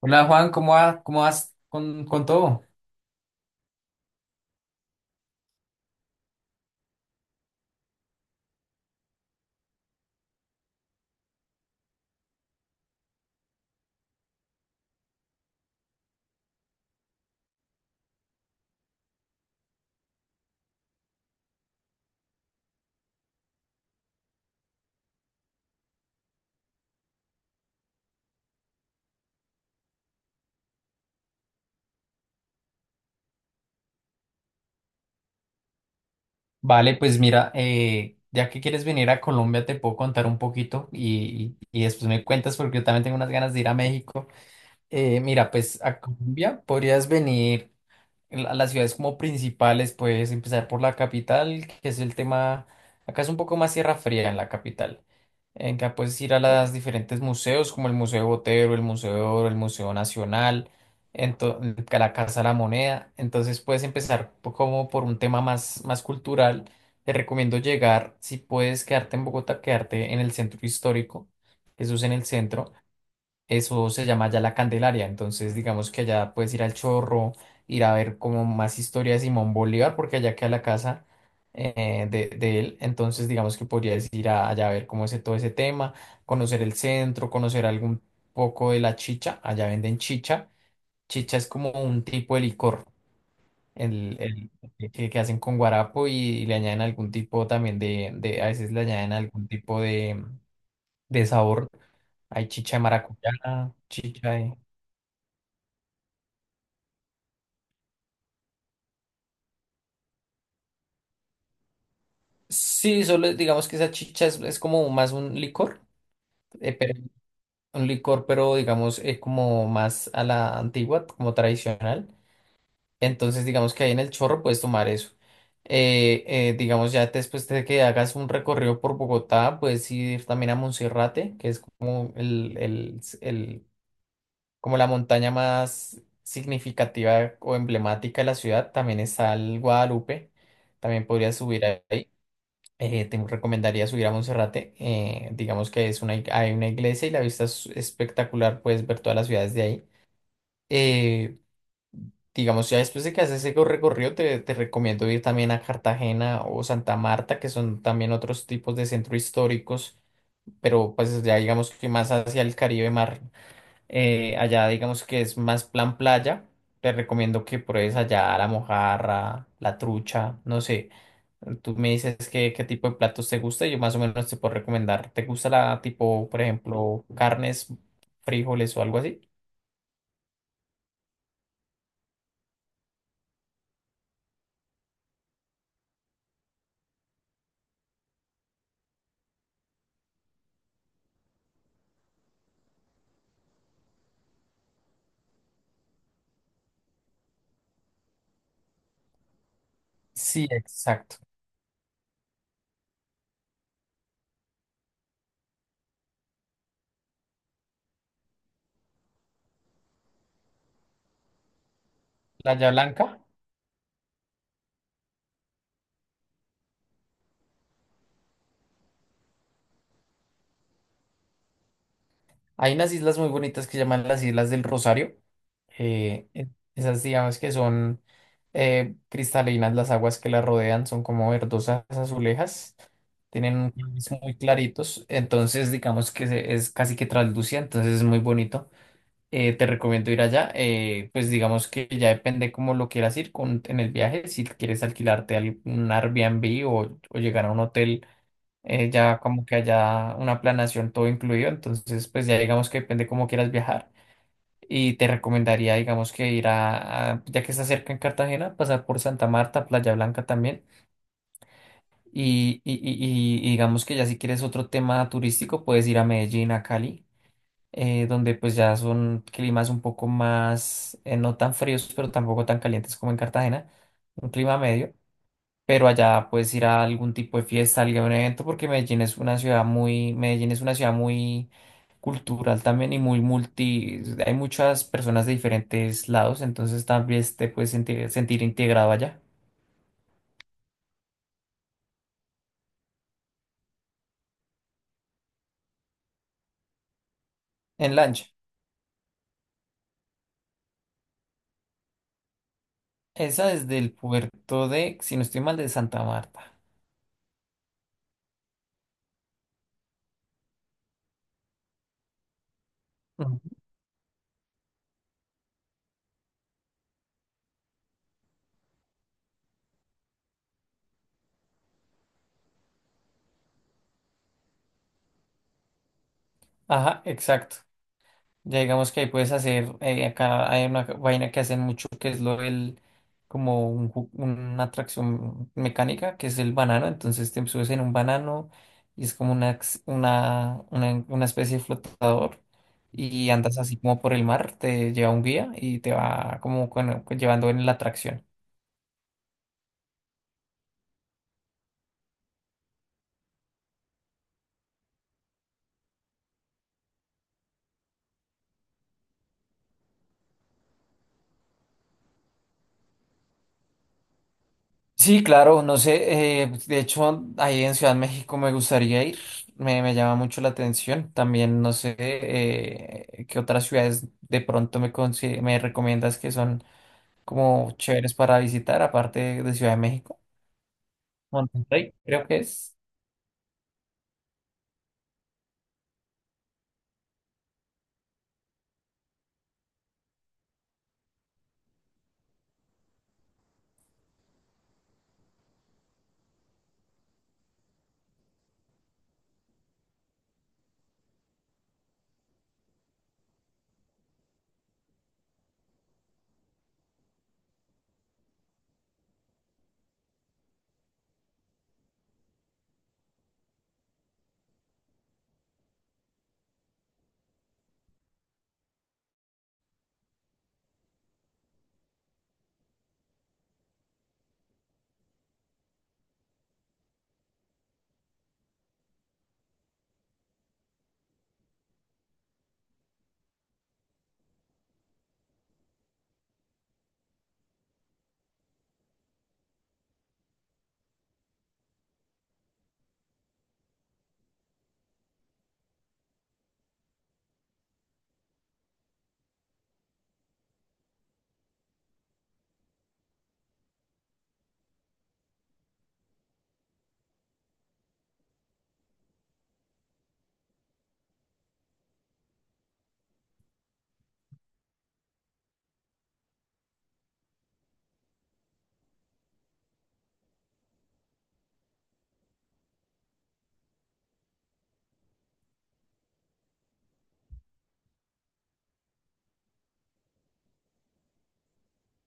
Hola Juan, ¿cómo vas con todo? Vale, pues mira, ya que quieres venir a Colombia, te puedo contar un poquito y después me cuentas porque yo también tengo unas ganas de ir a México. Mira, pues a Colombia podrías venir las ciudades como principales, puedes empezar por la capital, que es el tema, acá es un poco más tierra fría en la capital. En que puedes ir a los diferentes museos, como el Museo Botero, el Museo de Oro, el Museo Nacional, que la Casa de la Moneda. Entonces puedes empezar como por un tema más cultural. Te recomiendo llegar, si puedes quedarte en Bogotá, quedarte en el centro histórico, Jesús en el centro. Eso se llama ya La Candelaria, entonces digamos que allá puedes ir al Chorro, ir a ver como más historias de Simón Bolívar, porque allá queda la casa de él, entonces digamos que podrías allá a ver cómo es todo ese tema, conocer el centro, conocer algún poco de la chicha, allá venden chicha. Chicha es como un tipo de licor, el, el- que hacen con guarapo y le añaden algún tipo también a veces le añaden algún tipo de sabor, hay chicha de maracuyá, chicha de... Sí, solo digamos que esa chicha es como más un licor, eh, pero, un licor, pero digamos como más a la antigua, como tradicional. Entonces, digamos que ahí en el chorro puedes tomar eso. Digamos, ya después de que hagas un recorrido por Bogotá, puedes ir también a Monserrate, que es como como la montaña más significativa o emblemática de la ciudad. También está el Guadalupe, también podrías subir ahí. Te recomendaría subir a Monserrate. Digamos que es hay una iglesia y la vista es espectacular. Puedes ver todas las ciudades de ahí. Eh, digamos, ya después de que haces ese recorrido, te recomiendo ir también a Cartagena o Santa Marta, que son también otros tipos de centros históricos, pero pues ya digamos que más hacia el Caribe mar. Allá digamos que es más plan playa. Te recomiendo que pruebes allá la mojarra, la trucha, no sé. Tú me dices qué tipo de platos te gusta y yo más o menos te puedo recomendar. ¿Te gusta la tipo, por ejemplo, carnes, frijoles o algo así? Sí, exacto. Playa Blanca. Hay unas islas muy bonitas que se llaman las Islas del Rosario. eh, e- Esas digamos que son cristalinas, las aguas que las rodean son como verdosas, azulejas, tienen un colores muy claritos, entonces digamos que es casi que traslúcida, entonces es muy bonito. Te recomiendo ir allá, pues digamos que ya depende cómo lo quieras en el viaje, si quieres alquilarte algún Airbnb o llegar a un hotel ya como que haya una planación todo incluido, entonces pues ya digamos que depende cómo quieras viajar y te recomendaría digamos que ir ya que está cerca en Cartagena, pasar por Santa Marta, Playa Blanca también y digamos que ya si quieres otro tema turístico puedes ir a Medellín, a Cali. Donde pues ya son climas un poco más, no tan fríos, pero tampoco tan calientes como en Cartagena, un clima medio, pero allá puedes ir a algún tipo de fiesta, algún evento, porque Medellín es una ciudad muy cultural también y muy multi, hay muchas personas de diferentes lados, entonces también te puedes sentir, sentir integrado allá, en lancha. Esa es del puerto de, si no estoy mal, de Santa Marta. Ujú. Ajá, exacto. Ya digamos que ahí puedes hacer, acá hay una vaina que hacen mucho que es lo del, como una atracción mecánica, que es el banano, entonces te subes en un banano y es como una, ex- una especie de flotador y andas así como por el mar, te lleva un guía y te va como llevando en la atracción. Sí, claro, no sé, de hecho ahí en Ciudad de México me gustaría ir, me llama mucho la atención, también no sé qué otras ciudades de pronto me recomiendas que son como chéveres para visitar, aparte de Ciudad de México, Monterrey, creo que es.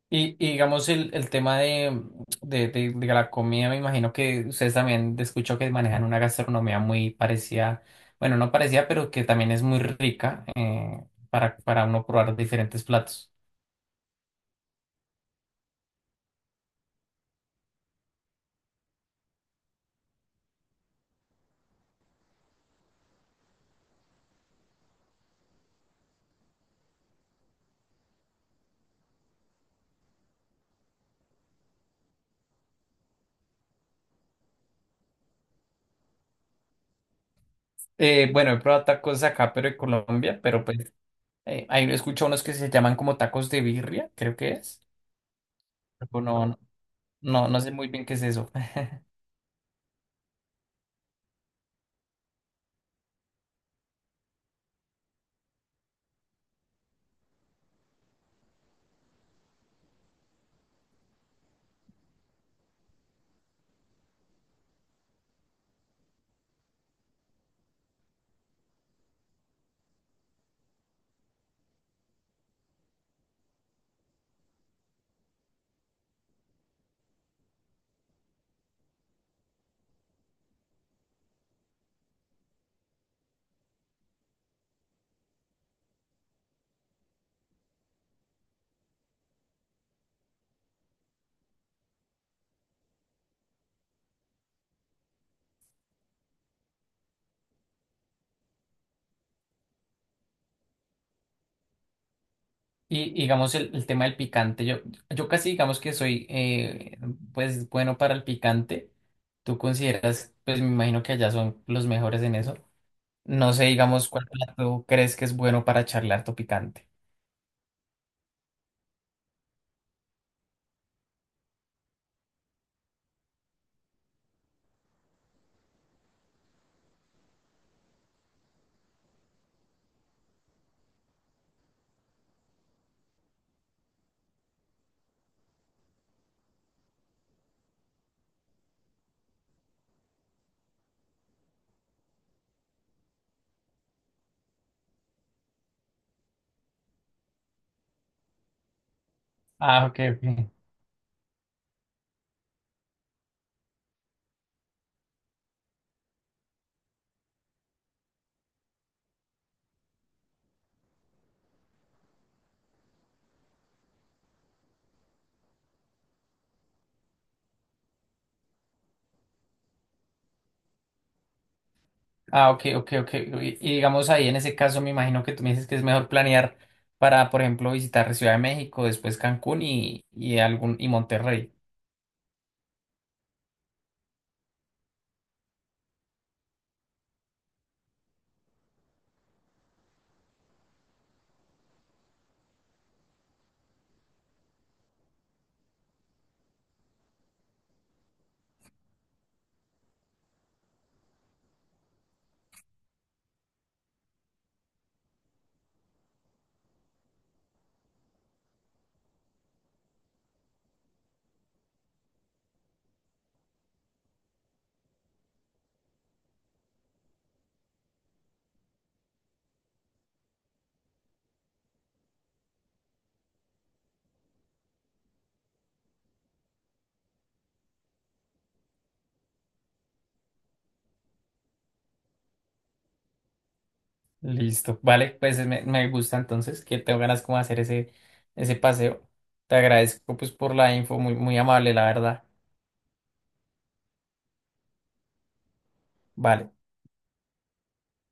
Y digamos el tema de la comida, me imagino que ustedes también escucho que manejan una gastronomía muy parecida, bueno, no parecida, pero que también es muy rica para uno probar diferentes platos. Bueno, he probado tacos acá, pero en Colombia, pero pues ahí escucho unos que se llaman como tacos de birria, creo que es. Pero no, no sé muy bien qué es eso. Y digamos el tema del picante, yo casi digamos que soy pues bueno para el picante. ¿Tú consideras, pues me imagino que allá son los mejores en eso? No sé, digamos, cuál plato crees que es bueno para charlar tu picante. Ah, ok, ok. Ah, ok, ok, ok. Y digamos ahí en ese caso me imagino que tú me dices que es mejor planear para, por ejemplo, visitar Ciudad de México, después Cancún y algún y Monterrey. Listo. Vale, pues me gusta entonces que tengo ganas como de hacer ese, ese paseo. Te agradezco pues por la info, muy, muy amable, la verdad. Vale.